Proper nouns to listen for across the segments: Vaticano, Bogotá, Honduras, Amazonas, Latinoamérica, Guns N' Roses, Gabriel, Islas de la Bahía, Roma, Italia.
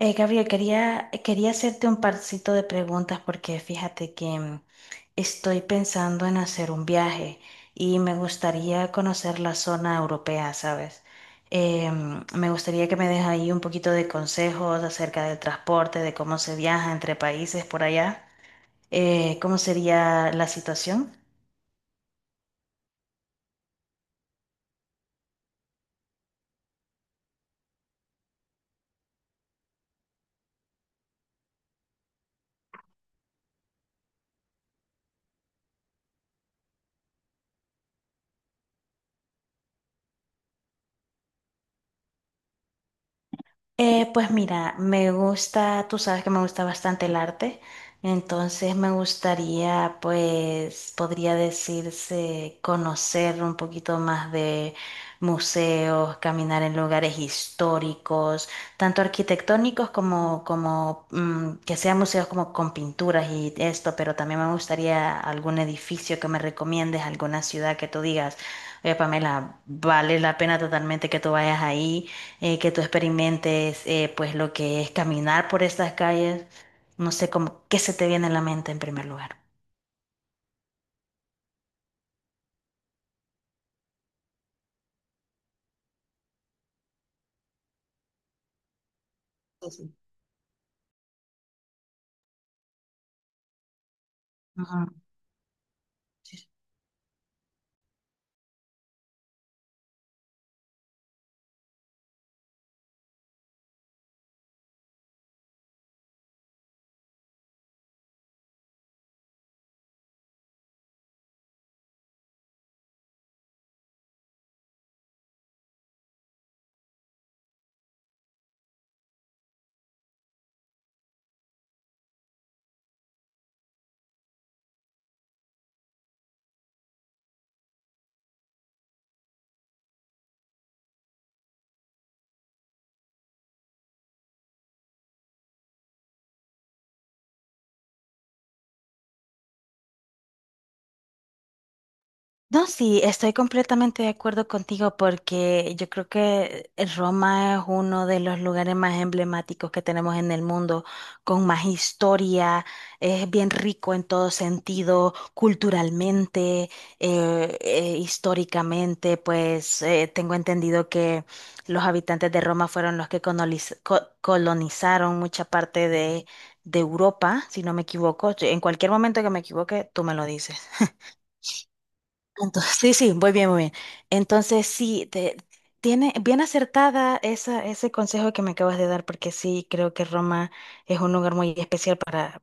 Gabriel, quería hacerte un parcito de preguntas porque fíjate que estoy pensando en hacer un viaje y me gustaría conocer la zona europea, ¿sabes? Me gustaría que me des ahí un poquito de consejos acerca del transporte, de cómo se viaja entre países por allá. ¿Cómo sería la situación? Pues mira, me gusta, tú sabes que me gusta bastante el arte, entonces me gustaría, pues, podría decirse, conocer un poquito más de museos, caminar en lugares históricos, tanto arquitectónicos como, como que sean museos como con pinturas y esto, pero también me gustaría algún edificio que me recomiendes, alguna ciudad que tú digas, oye, Pamela, vale la pena totalmente que tú vayas ahí que tú experimentes pues lo que es caminar por estas calles, no sé cómo, qué se te viene a la mente en primer lugar. Sí, sí. Ujú. No, sí, estoy completamente de acuerdo contigo porque yo creo que Roma es uno de los lugares más emblemáticos que tenemos en el mundo, con más historia, es bien rico en todo sentido, culturalmente, históricamente, pues tengo entendido que los habitantes de Roma fueron los que colonizaron mucha parte de Europa, si no me equivoco. En cualquier momento que me equivoque, tú me lo dices. Entonces, sí, sí, muy bien, muy bien. Entonces, sí, tiene bien acertada esa, ese consejo que me acabas de dar, porque sí, creo que Roma es un lugar muy especial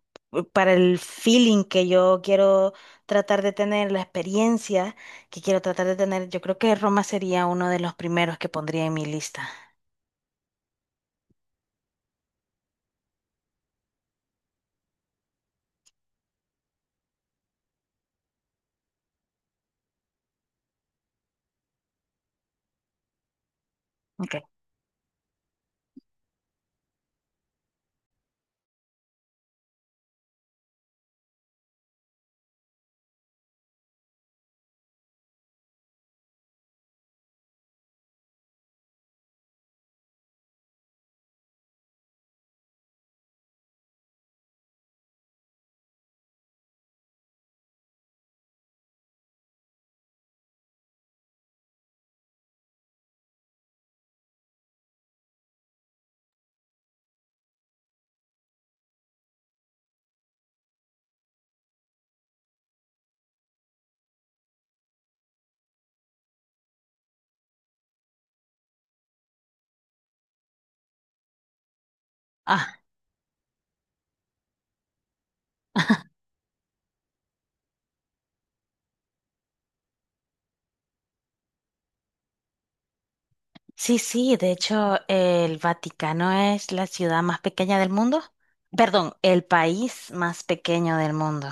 para el feeling que yo quiero tratar de tener, la experiencia que quiero tratar de tener. Yo creo que Roma sería uno de los primeros que pondría en mi lista. Ok. Sí, sí, de hecho, el Vaticano es la ciudad más pequeña del mundo. Perdón, el país más pequeño del mundo,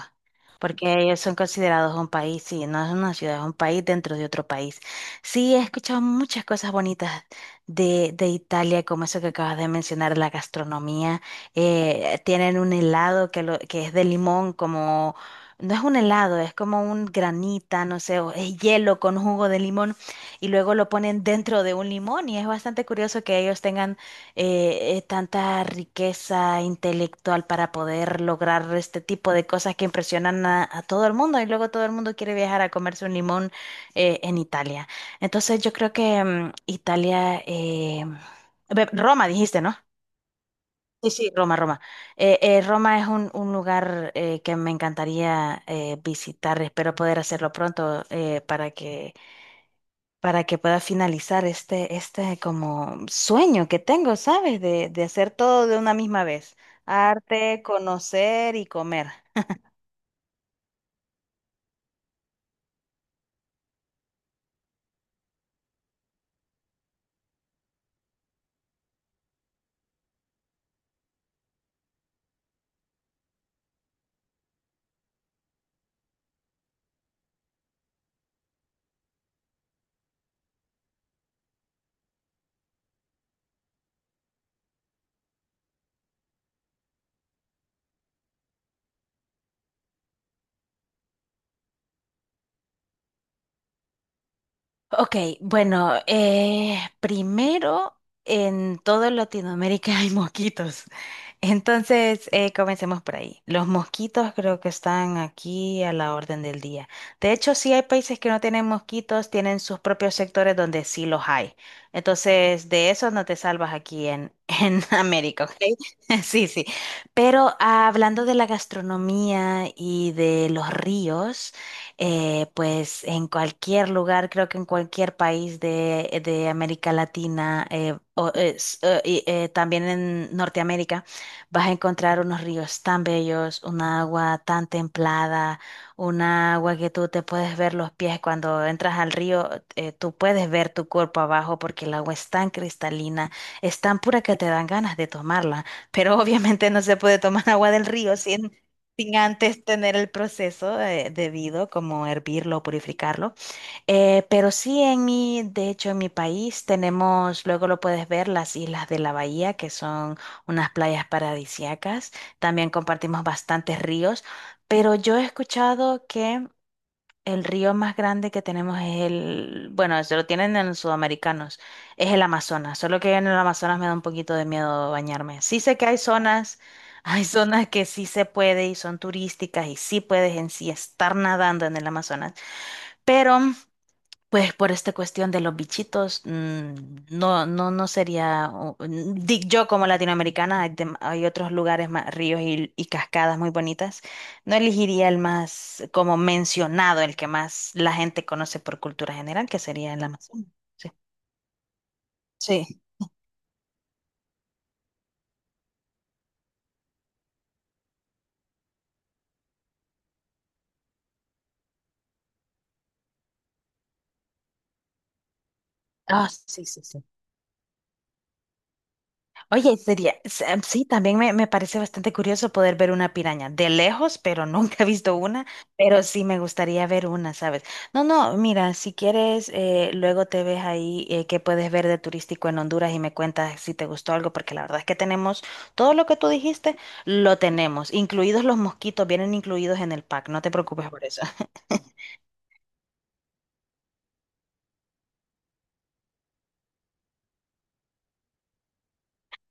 porque ellos son considerados un país, sí, no es una ciudad, es un país dentro de otro país. Sí, he escuchado muchas cosas bonitas de Italia, como eso que acabas de mencionar, la gastronomía. Tienen un helado que, lo, que es de limón, como, no es un helado, es como un granita, no sé, o es hielo con jugo de limón y luego lo ponen dentro de un limón y es bastante curioso que ellos tengan tanta riqueza intelectual para poder lograr este tipo de cosas que impresionan a todo el mundo y luego todo el mundo quiere viajar a comerse un limón en Italia. Entonces yo creo que Italia, Roma dijiste, ¿no? Sí, sí, Roma, Roma. Roma es un lugar que me encantaría visitar. Espero poder hacerlo pronto para que pueda finalizar este, este como sueño que tengo, ¿sabes? De hacer todo de una misma vez, arte, conocer y comer. Ok, bueno, primero en toda Latinoamérica hay mosquitos. Entonces, comencemos por ahí. Los mosquitos creo que están aquí a la orden del día. De hecho, sí hay países que no tienen mosquitos, tienen sus propios sectores donde sí los hay. Entonces, de eso no te salvas aquí en América, ¿ok? Sí, sí. Pero ah, hablando de la gastronomía y de los ríos pues en cualquier lugar, creo que en cualquier país de América Latina, también en Norteamérica, vas a encontrar unos ríos tan bellos, una agua tan templada, una agua que tú te puedes ver los pies cuando entras al río, tú puedes ver tu cuerpo abajo porque el agua es tan cristalina, es tan pura que te dan ganas de tomarla, pero obviamente no se puede tomar agua del río sin antes tener el proceso debido, como hervirlo o purificarlo. Pero sí, en mi, de hecho, en mi país tenemos, luego lo puedes ver, las Islas de la Bahía, que son unas playas paradisíacas. También compartimos bastantes ríos, pero yo he escuchado que el río más grande que tenemos es el, bueno, eso lo tienen en los sudamericanos, es el Amazonas, solo que en el Amazonas me da un poquito de miedo bañarme. Sí sé que hay zonas, hay zonas que sí se puede y son turísticas y sí puedes en sí estar nadando en el Amazonas, pero pues por esta cuestión de los bichitos, no, no, no sería, yo como latinoamericana, hay, hay otros lugares más, ríos y cascadas muy bonitas, no elegiría el más, como mencionado, el que más la gente conoce por cultura general, que sería el Amazonas. Sí. Sí. Ah, sí, sí, sí. Oye, sería, sí, también me parece bastante curioso poder ver una piraña de lejos, pero nunca he visto una, pero sí me gustaría ver una, ¿sabes? No, no, mira, si quieres, luego te ves ahí qué puedes ver de turístico en Honduras y me cuentas si te gustó algo, porque la verdad es que tenemos todo lo que tú dijiste, lo tenemos, incluidos los mosquitos, vienen incluidos en el pack, no te preocupes por eso.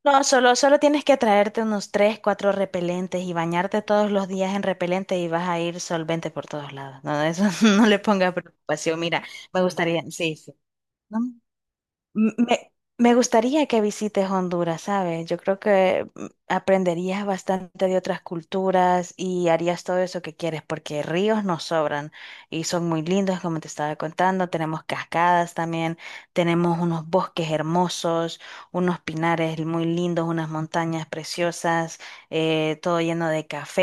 No, solo, solo tienes que traerte unos tres, cuatro repelentes y bañarte todos los días en repelente y vas a ir solvente por todos lados. No, eso no le ponga preocupación. Mira, me gustaría, sí, sí. No, me, me gustaría que visites Honduras, ¿sabes? Yo creo que aprenderías bastante de otras culturas y harías todo eso que quieres, porque ríos nos sobran y son muy lindos, como te estaba contando. Tenemos cascadas también, tenemos unos bosques hermosos, unos pinares muy lindos, unas montañas preciosas, todo lleno de café.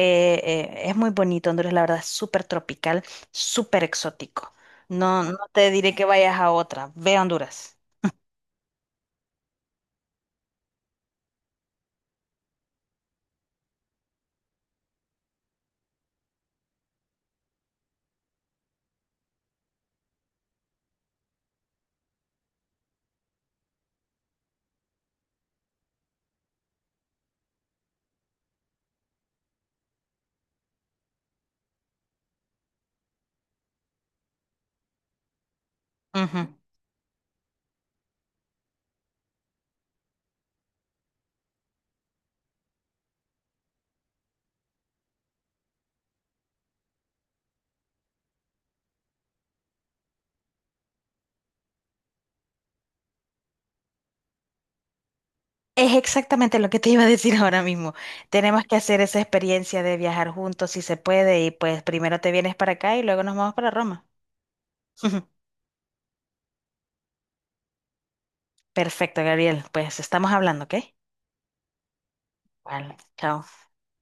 Es muy bonito, Honduras, la verdad, es súper tropical, súper exótico. No, no te diré que vayas a otra. Ve a Honduras. Ujú. Es exactamente lo que te iba a decir ahora mismo. Tenemos que hacer esa experiencia de viajar juntos si se puede y pues primero te vienes para acá y luego nos vamos para Roma. Perfecto, Gabriel. Pues estamos hablando, ¿ok? Vale, chao.